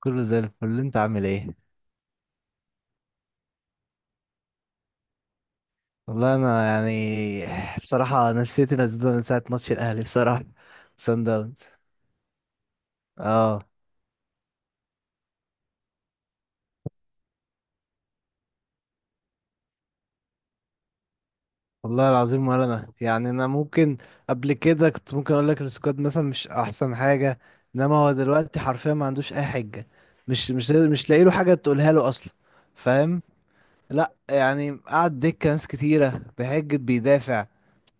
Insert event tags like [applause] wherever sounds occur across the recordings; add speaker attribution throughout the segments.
Speaker 1: كله زي الفل، انت عامل ايه؟ والله انا يعني بصراحه نفسيتي نزلت من ساعه ماتش الاهلي، بصراحه سان داونز. اه والله العظيم. ولا انا يعني انا ممكن قبل كده كنت ممكن اقول لك السكواد مثلا مش احسن حاجه، انما هو دلوقتي حرفيا ما عندوش اي حجه. مش لاقي له حاجه تقولها له اصلا، فاهم؟ لا يعني قعد دكه ناس كتيره بحجه بيدافع.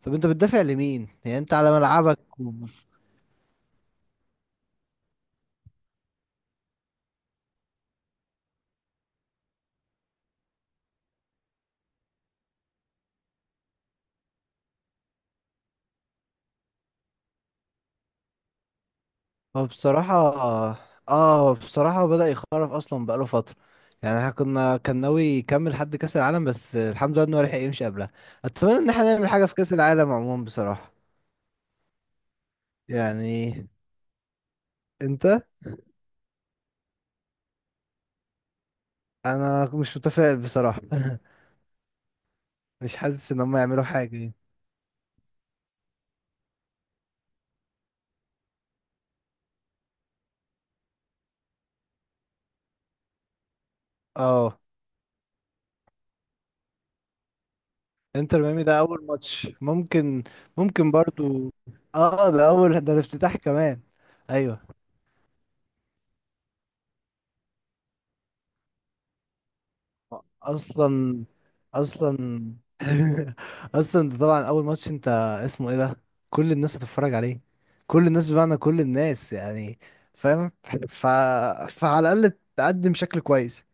Speaker 1: طب انت بتدافع لمين يعني؟ انت على ملعبك. هو بصراحة، اه بصراحة، بدأ يخرف أصلا بقاله فترة. يعني احنا كنا كان ناوي يكمل حد كأس العالم، بس الحمد لله إنه هو لحق يمشي قبلها. أتمنى إن احنا نعمل حاجة في كأس العالم عموما بصراحة. يعني أنت، أنا مش متفائل بصراحة. [laughs] مش حاسس إن هم يعملوا حاجة يعني. اه، انتر ميامي ده أول ماتش ممكن. ممكن برضو. اه، ده أول، ده الافتتاح كمان. أيوه. اصلا، اصلا، [laughs] اصلا ده طبعا اول ماتش. انت اسمه ايه ده؟ كل الناس هتتفرج عليه. كل الناس بمعنى كل الناس يعني، فاهم؟ ف... فعلى الاقل تقدم شكل كويس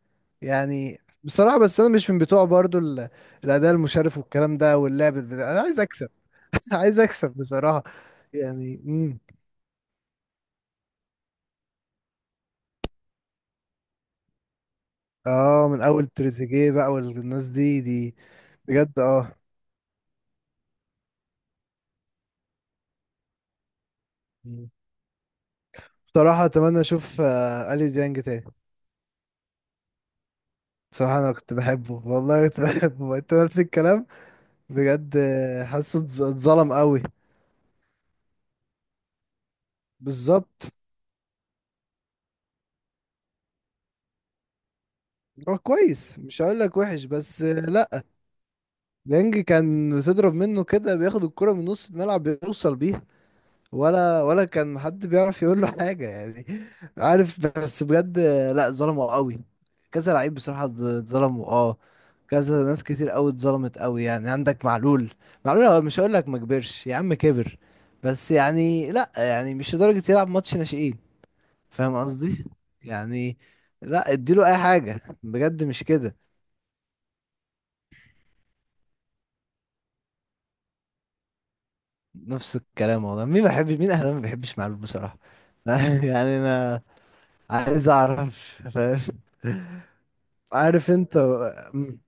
Speaker 1: يعني. بصراحة بس انا مش من بتوع برضو الاداء المشرف والكلام ده واللعب البتاع. انا عايز اكسب. [laughs] عايز اكسب بصراحة. يعني اه من اول تريزيجيه بقى والناس دي. بجد اه. مم. بصراحة اتمنى اشوف اليو ديانج تاني. بصراحة أنا كنت بحبه والله، كنت [laughs] بحبه. أنت نفس الكلام. بجد حاسه اتظلم قوي. بالظبط. هو كويس مش هقول لك وحش، بس لا. ديانج كان تضرب منه كده، بياخد الكرة من نص الملعب بيوصل بيها. ولا كان حد بيعرف يقول له حاجة يعني. عارف، بس بجد لا، ظلمه قوي. كذا لعيب بصراحة اتظلموا اه. كذا ناس كتير قوي اتظلمت قوي يعني. عندك معلول، معلول هو مش هقول لك ما كبرش، يا عم كبر، بس يعني لا يعني مش لدرجة يلعب ماتش ناشئين. فاهم قصدي؟ يعني لا، اديله اي حاجة بجد مش كده. نفس الكلام والله. مين ما بيحبش، مين اهلا ما بيحبش معلول بصراحة؟ [laughs] يعني انا عايز اعرف، فاهم؟ عارف انت. مم.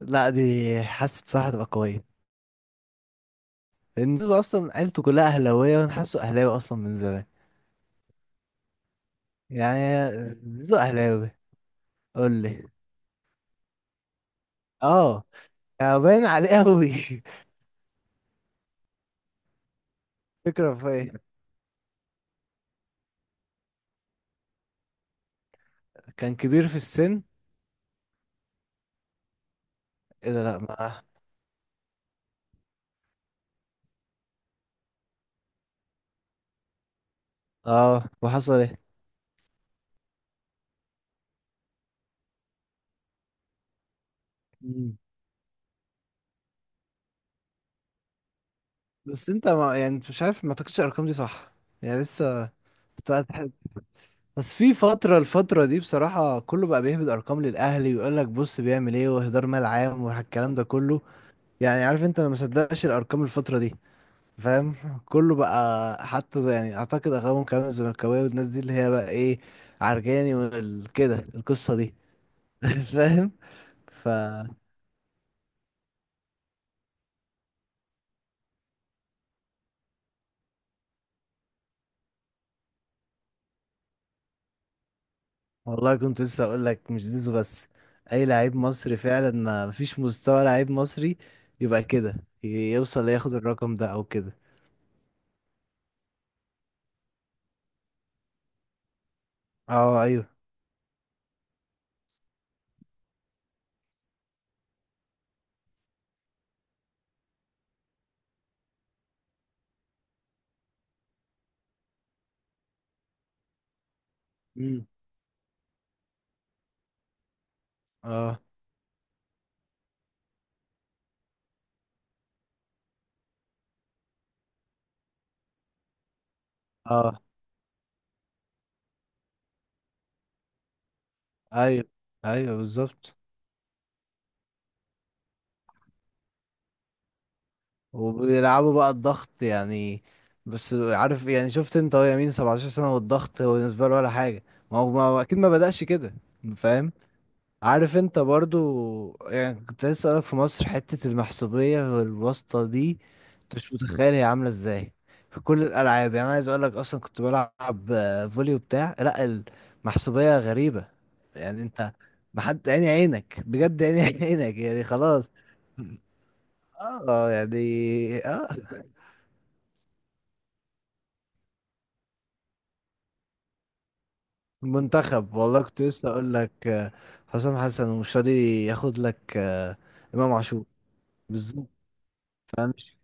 Speaker 1: لا دي حاسس بصراحة تبقى قوية، لأن زيزو أصلا عيلته كلها أهلاوية، وأنا حاسه أهلاوي أصلا من زمان. يعني زيزو أهلاوي. قول لي. اه، يعني باين عليه أوي. [laughs] فكرة في إيه؟ كان كبير في السن. إيه ده، لا ما. اه، وحصل إيه؟ مم. بس أنت ما يعني أنت مش عارف، ما تاخدش الأرقام دي صح يعني، لسه بتاعت حد. بس في فترة، الفترة دي بصراحة كله بقى بيهبد أرقام للأهلي ويقول لك بص بيعمل إيه وإهدار مال عام والكلام ده كله. يعني عارف انت، انا ما مصدقش الارقام الفتره دي، فاهم؟ كله بقى حتى يعني اعتقد اغلبهم كمان الزملكاويه والناس دي اللي هي بقى ايه، عرجاني وكده القصه دي. [laughs] فاهم؟ ف والله كنت لسه اقول لك مش زيزو بس، اي لعيب مصري فعلا. ما فيش مستوى لعيب مصري يبقى كده يوصل ياخد الرقم ده او كده. اه ايوه. مم. اه اه. ايوه ايوه. بالظبط. وبيلعبوا بقى الضغط يعني. بس عارف يعني، شفت انت هو يمين 17 سنة والضغط هو بالنسبة له ولا حاجة. ما هو اكيد ما بدأش كده، فاهم؟ عارف انت برضو يعني. كنت لسه اقولك في مصر حتة المحسوبية والواسطة دي، انت مش متخيل هي عاملة ازاي في كل الالعاب يعني. أنا عايز اقولك اصلا كنت بلعب فولي وبتاع، لا المحسوبية غريبة يعني. انت محد عيني عينك بجد، عيني [laughs] عينك يعني خلاص. اه يعني، اه. المنتخب والله كنت لسه اقول لك حسام حسن ومش راضي ياخد لك امام عاشور، بالظبط. فمش،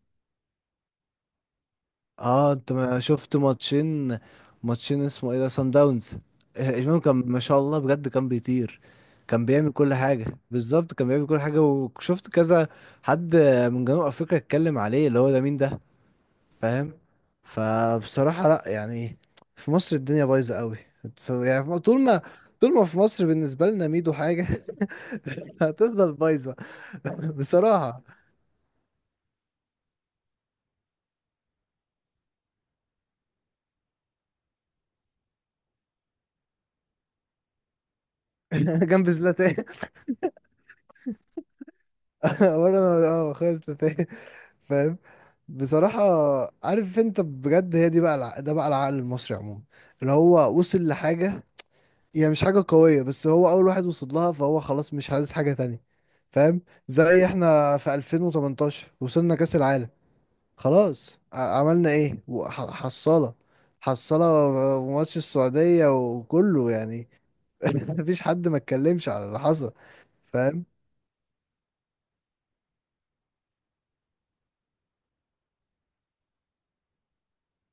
Speaker 1: اه انت ما شفت ماتشين؟ ماتشين اسمه ايه ده، سان داونز. امام كان ما شاء الله بجد كان بيطير، كان بيعمل كل حاجه، بالظبط كان بيعمل كل حاجه. وشفت كذا حد من جنوب افريقيا اتكلم عليه اللي هو ده مين ده، فاهم؟ فبصراحة لا يعني في مصر الدنيا بايظة قوي. يعني في طول ما، طول ما في مصر بالنسبة لنا ميدو حاجة [laughs] هتفضل بايظة. [laughs] بصراحة. [laughs] جنب زلاتان. [laughs] ورا انا اه خالص زلاتان. [laughs] فاهم؟ بصراحة عارف انت بجد، هي دي بقى ده بقى العقل المصري عموما اللي هو وصل لحاجة. هي مش حاجة قوية، بس هو أول واحد وصل لها، فهو خلاص مش عايز حاجة تانية، فاهم؟ زي احنا في 2018 وصلنا كأس العالم، خلاص عملنا ايه؟ حصالة، حصالة، وماتش السعودية وكله يعني. [laughs] مفيش حد ما اتكلمش على اللي حصل، فاهم؟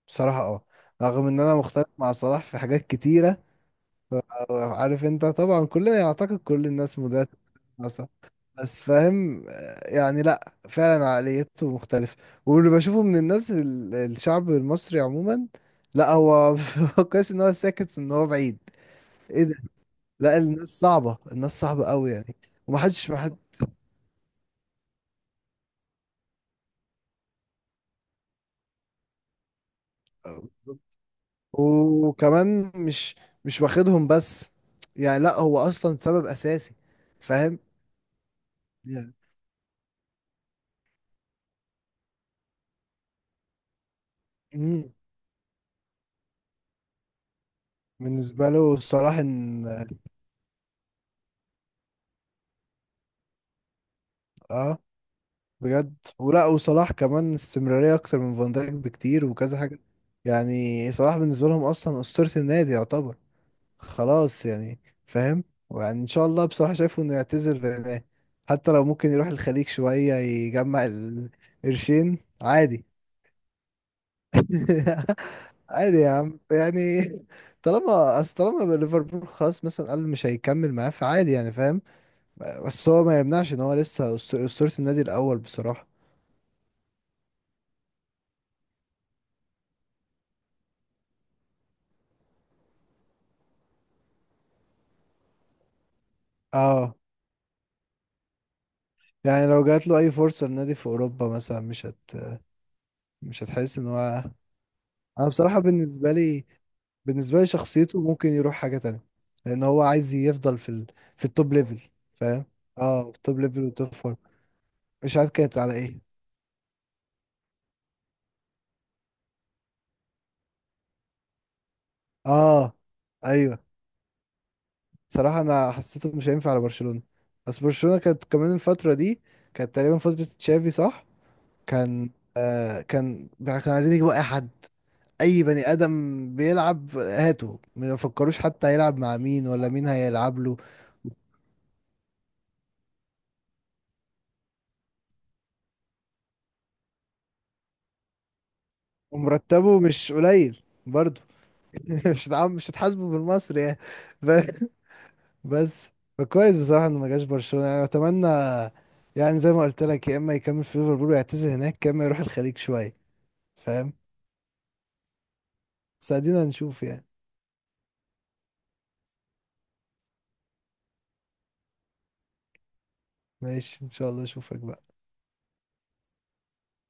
Speaker 1: بصراحة اه، رغم ان انا مختلف مع صلاح في حاجات كتيرة. عارف انت طبعا، كلنا يعتقد كل الناس مديرة ناسا، بس فاهم يعني لا فعلا عقليته مختلفة. واللي بشوفه من الناس الشعب المصري عموما، لا هو [laughs] هو كويس ان هو ساكت وان هو بعيد. ايه ده؟ لا الناس صعبة، الناس صعبة قوي يعني. ومحدش، محد. وكمان مش، مش واخدهم بس يعني. لا هو اصلا سبب اساسي، فاهم يعني. مم. بالنسبة له صلاح ان اه، بجد. ولا وصلاح كمان استمرارية أكتر من فان دايك بكتير وكذا حاجة. يعني صلاح بالنسبة لهم أصلا أسطورة النادي يعتبر، خلاص يعني، فاهم؟ ويعني إن شاء الله بصراحة شايفه إنه يعتزل في النهاية. حتى لو ممكن يروح الخليج شوية يجمع القرشين، عادي. [laughs] عادي يا عم يعني، طالما أصل، طالما ليفربول خلاص مثلا قال مش هيكمل معاه، فعادي يعني فاهم. بس هو ما يمنعش إن هو لسه أسطورة النادي الأول بصراحة. اه يعني لو جات له اي فرصه لنادي في اوروبا مثلا، مش هت، مش هتحس ان هو. انا بصراحه بالنسبه لي، بالنسبه لي شخصيته ممكن يروح حاجه تانية، لان هو عايز يفضل في التوب ليفل، فاهم؟ اه، في التوب ليفل والتوب فور. مش عارف كانت على ايه. اه ايوه. صراحه انا حسيته مش هينفع على برشلونه، بس برشلونه كانت كمان الفتره دي كانت تقريبا فتره تشافي صح، كان آه كان عايزين يجيبوا اي حد، اي بني ادم بيلعب هاته، ما يفكروش حتى هيلعب مع مين ولا مين هيلعب له. ومرتبه مش قليل برضه. [laughs] مش هتعم، مش هتحاسبه بالمصري يعني. ب- بس، فكويس بصراحه انه ما جاش برشلونه، يعني اتمنى يعني. زي ما قلت لك، يا اما يكمل في ليفربول ويعتزل هناك، يا اما يروح الخليج شويه، فاهم؟ بس ادينا نشوف يعني. ماشي ان شاء الله اشوفك بقى.